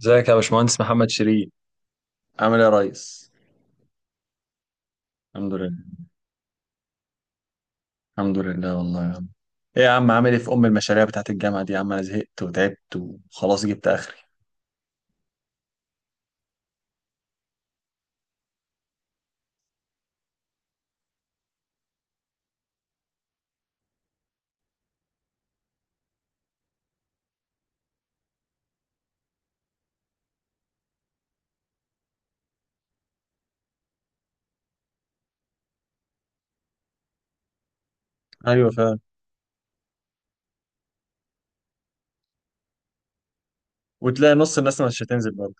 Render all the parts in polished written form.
ازيك يا باشمهندس محمد شيرين؟ عامل ايه يا ريس؟ الحمد لله، الحمد لله والله يا عم. ايه يا عم، عامل ايه في ام المشاريع بتاعت الجامعه دي؟ يا عم انا زهقت وتعبت وخلاص جبت اخري. ايوه فعلا. وتلاقي نص الناس مش هتنزل برضه.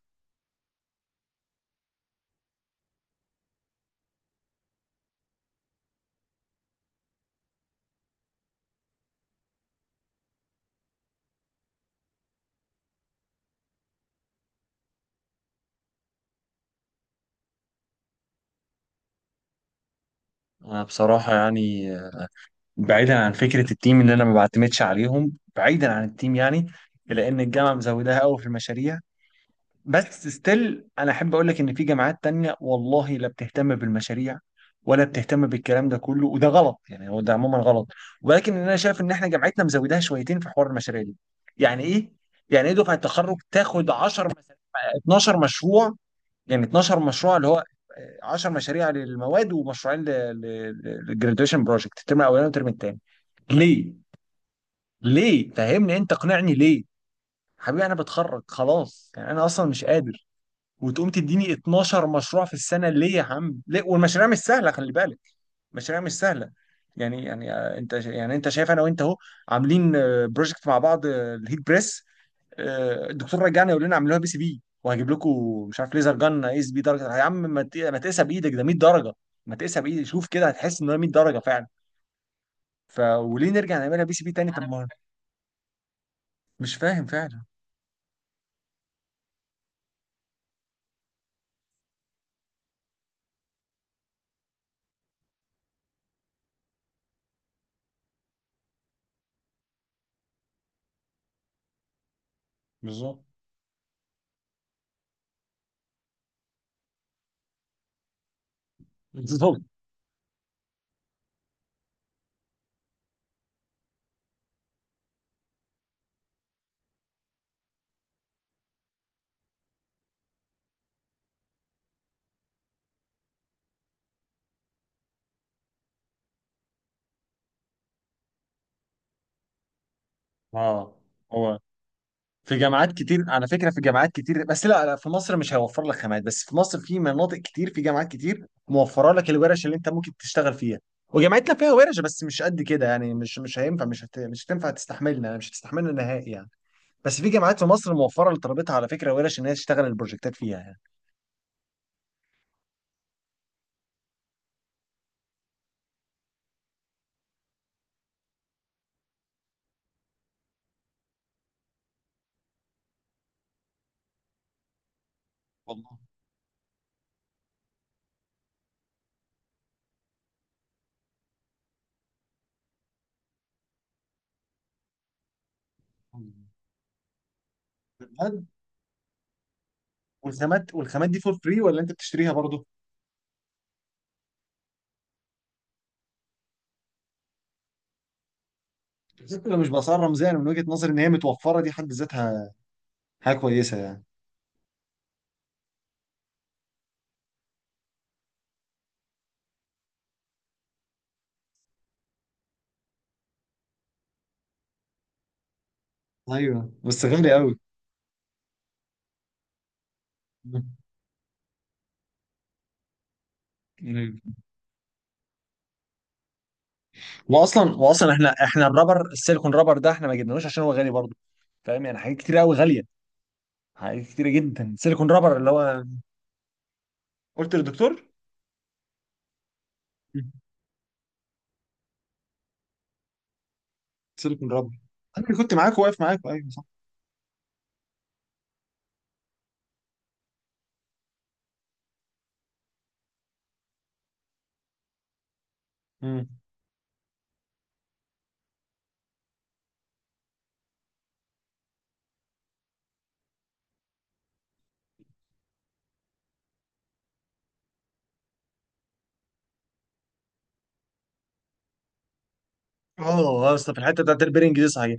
انا بصراحه يعني، بعيدا عن فكره التيم اللي انا ما بعتمدش عليهم، بعيدا عن التيم يعني، لان الجامعه مزوداها قوي في المشاريع. بس ستيل انا احب اقول لك ان في جامعات تانية والله لا بتهتم بالمشاريع ولا بتهتم بالكلام ده كله، وده غلط يعني، هو ده عموما غلط. ولكن انا شايف ان احنا جامعتنا مزوداها شويتين في حوار المشاريع دي. يعني ايه؟ يعني ايه دفعه التخرج تاخد 10 مشاريع، 12 مشروع؟ يعني 12 مشروع اللي هو 10 مشاريع للمواد ومشروعين للجراديويشن بروجكت، الترم الاولاني والترم الثاني. ليه؟ ليه فهمني، انت اقنعني ليه. حبيبي انا بتخرج خلاص، يعني انا اصلا مش قادر، وتقوم تديني 12 مشروع في السنه؟ ليه يا عم ليه؟ والمشاريع مش سهله، خلي بالك، مشاريع مش سهله. يعني انت، يعني انت شايف انا وانت اهو عاملين بروجكت مع بعض، الهيت بريس. الدكتور رجعنا يقول لنا اعملوها بي سي بي وهجيب لكم مش عارف ليزر جن اي اس بي درجه. يا عم ما تقيسها بايدك، ده 100 درجه. ما تقيسها بايدك شوف كده، هتحس ان هي 100 درجه فعلا. ف وليه نرجع نعملها بي سي بي تاني؟ طب ما، مش فاهم فعلا. بالظبط. بالظبط اه. هو في جامعات كتير على فكرة، في جامعات كتير، بس لا لا، في مصر مش هيوفر لك خامات، بس في مصر في مناطق كتير، في جامعات كتير موفرة لك الورش اللي انت ممكن تشتغل فيها. وجامعتنا فيها ورش بس مش قد كده، يعني مش هينفع، مش هتنفع تستحملنا، مش هتستحملنا نهائي يعني. بس في جامعات في مصر موفرة لطلبتها على فكرة ورش ان هي تشتغل البروجكتات فيها يعني. بجد؟ والخامات دي فور فري ولا انت بتشتريها برضه؟ حتى لو مش بأسعار رمزية، انا من وجهة نظري ان هي متوفرة دي حد ذاتها حاجة كويسة يعني. ايوه بس غالي قوي. أيوة. واصلا احنا الرابر، السيليكون رابر ده احنا ما جبناهوش عشان هو غالي برضه. فاهم يعني حاجات كتير قوي غاليه، حاجات كتيره جدا. سيليكون رابر اللي هو، قلت للدكتور. مم. سيليكون رابر. انا اللي كنت معاك، واقف معاك، ايوه صح. مم. اه، اصل في الحته بتاعت البيرنج دي، صحيح.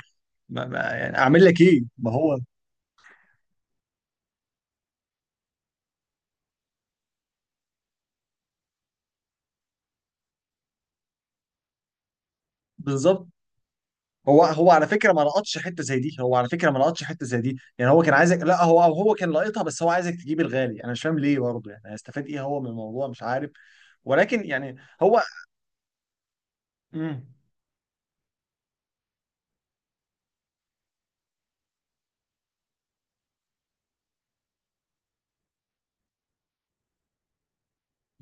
ما يعني اعمل لك ايه؟ ما هو، بالظبط. هو على فكره ما لقطش حته زي دي، هو على فكره ما لقطش حته زي دي، يعني هو كان عايزك، لا هو كان لاقطها، بس هو عايزك تجيب الغالي. انا مش فاهم ليه برضه، يعني هيستفاد ايه هو من الموضوع؟ مش عارف. ولكن يعني، هو، مم.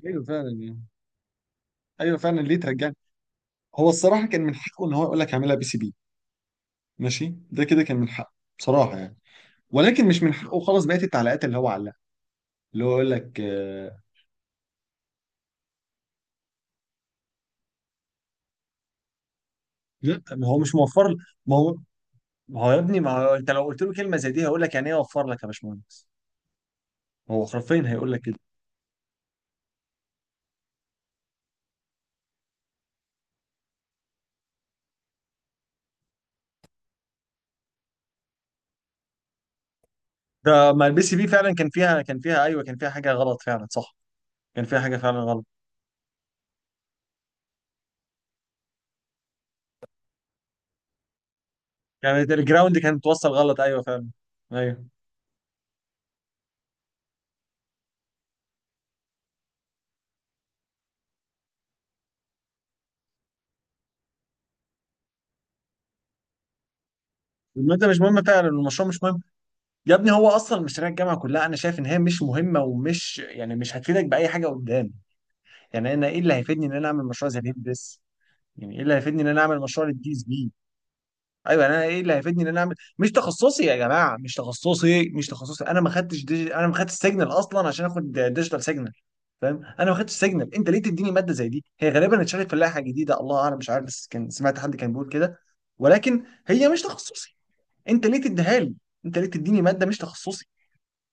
ايوه فعلا يعني. ايوه فعلا ليه ترجعني؟ هو الصراحه كان من حقه ان هو يقول لك هعملها بي سي بي، ماشي، ده كده كان من حقه بصراحه يعني. ولكن مش من حقه خالص بقيه التعليقات اللي هو علقها، اللي هو يقول لك لا ما هو مش موفر، ما هو، ما هو يا ابني، ما هو انت لو قلت له كلمه زي دي هيقول لك يعني ايه اوفر لك يا باشمهندس، هو حرفيا هيقول لك كده. ده ما البي سي بي فعلا كان فيها ايوه، كان فيها حاجه غلط فعلا، صح. كان فيها حاجه فعلا غلط، يعني الجراوند كانت توصل غلط، ايوه فعلا، ايوه. الماده مش مهمه فعلا، المشروع مش مهم. يا ابني هو اصلا مشاريع الجامعه كلها انا شايف ان هي مش مهمه، ومش يعني، مش هتفيدك باي حاجه قدام. يعني انا ايه اللي هيفيدني ان انا اعمل مشروع زي الهيب بس؟ يعني ايه اللي هيفيدني ان انا اعمل مشروع للدي اس بي؟ ايوه، انا ايه اللي هيفيدني ان انا اعمل مش تخصصي؟ يا جماعه مش تخصصي، مش تخصصي، انا ما خدتش سيجنال اصلا عشان اخد ديجيتال سيجنال. فاهم؟ انا ما خدتش سيجنال، انت ليه تديني ماده زي دي؟ هي غالبا اتشالت في اللائحه الجديده، الله اعلم، مش عارف بس كان سمعت حد كان بيقول كده. ولكن هي مش تخصصي، انت ليه تديها لي؟ انت ليه تديني ماده مش تخصصي؟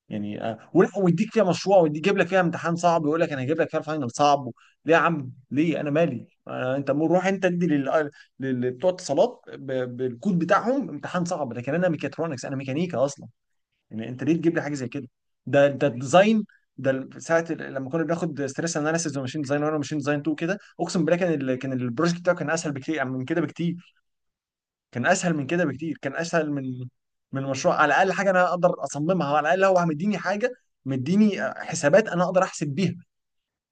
يعني ولا ويديك فيها مشروع ويجيب لك فيها امتحان صعب ويقول لك انا هجيب لك فيها الفاينل صعب. ليه يا عم ليه؟ انا مالي؟ انت روح انت ادي بتوع اتصالات بالكود بتاعهم امتحان صعب، لكن انا ميكاترونكس، انا ميكانيكا اصلا. يعني انت ليه تجيب لي حاجه زي كده؟ ده الديزاين، ده ساعه لما كنا بناخد ستريس اناليسيز وماشين ديزاين، وانا ماشين ديزاين 2 كده اقسم بالله، كان كان البروجكت بتاعه كان اسهل بكتير يعني، من كده بكتير. كان اسهل من كده بكتير، كان اسهل من، من مشروع على الاقل حاجه انا اقدر اصممها. على الاقل هو مديني حاجه، مديني حسابات انا اقدر احسب بيها،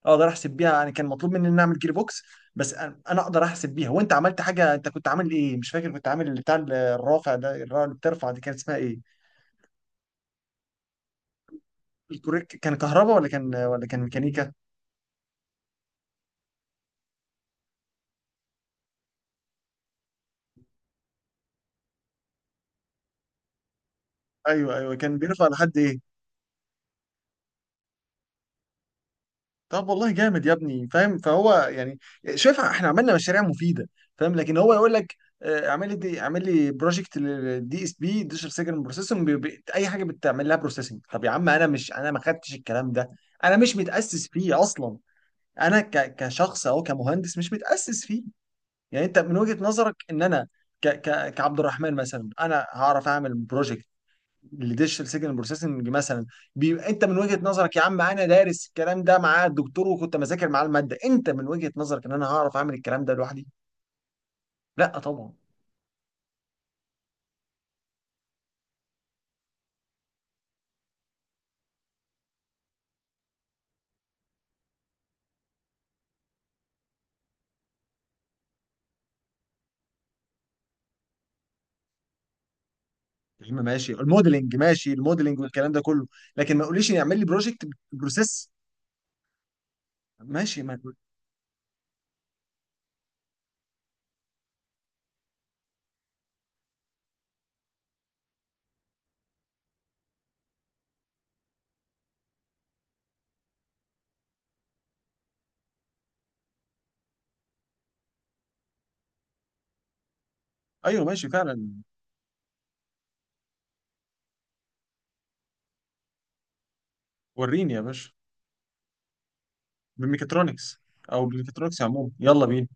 اقدر احسب بيها، يعني كان مطلوب مني ان اعمل جير بوكس، بس انا اقدر احسب بيها. وانت عملت حاجه، انت كنت عامل ايه؟ مش فاكر، كنت عامل بتاع الرافع ده، الرافع اللي بترفع دي كانت اسمها ايه؟ الكوريك، كان كهرباء ولا كان ميكانيكا؟ ايوه ايوه، كان بيرفع لحد ايه؟ طب والله جامد يا ابني، فاهم؟ فهو يعني، شايف احنا عملنا مشاريع مفيده، فاهم؟ لكن هو يقول لك اعمل لي دي، اعمل لي بروجكت للدي اس بي ديجيتال سيجنال بروسيسنج، اي حاجه بتعمل لها بروسيسنج. طب يا عم انا مش، انا ما خدتش الكلام ده، انا مش متاسس فيه اصلا. انا كشخص او كمهندس مش متاسس فيه. يعني انت من وجهه نظرك ان انا، ك ك كعبد الرحمن مثلا، انا هعرف اعمل بروجكت الديجيتال سيجنال بروسيسنج مثلا؟ بيبقى انت من وجهة نظرك يا عم انا دارس الكلام ده مع الدكتور وكنت مذاكر معاه المادة؟ انت من وجهة نظرك ان انا هعرف اعمل الكلام ده لوحدي؟ لا طبعا. يا عم ماشي، الموديلنج ماشي، الموديلنج والكلام ده كله، لكن ما تقوليش يعمل لي بروجكت بروسيس. ماشي ما تقول- ايوه ماشي فعلا. وريني يا باشا، بالميكاترونكس، او بالميكاترونكس عموما، يلا بينا.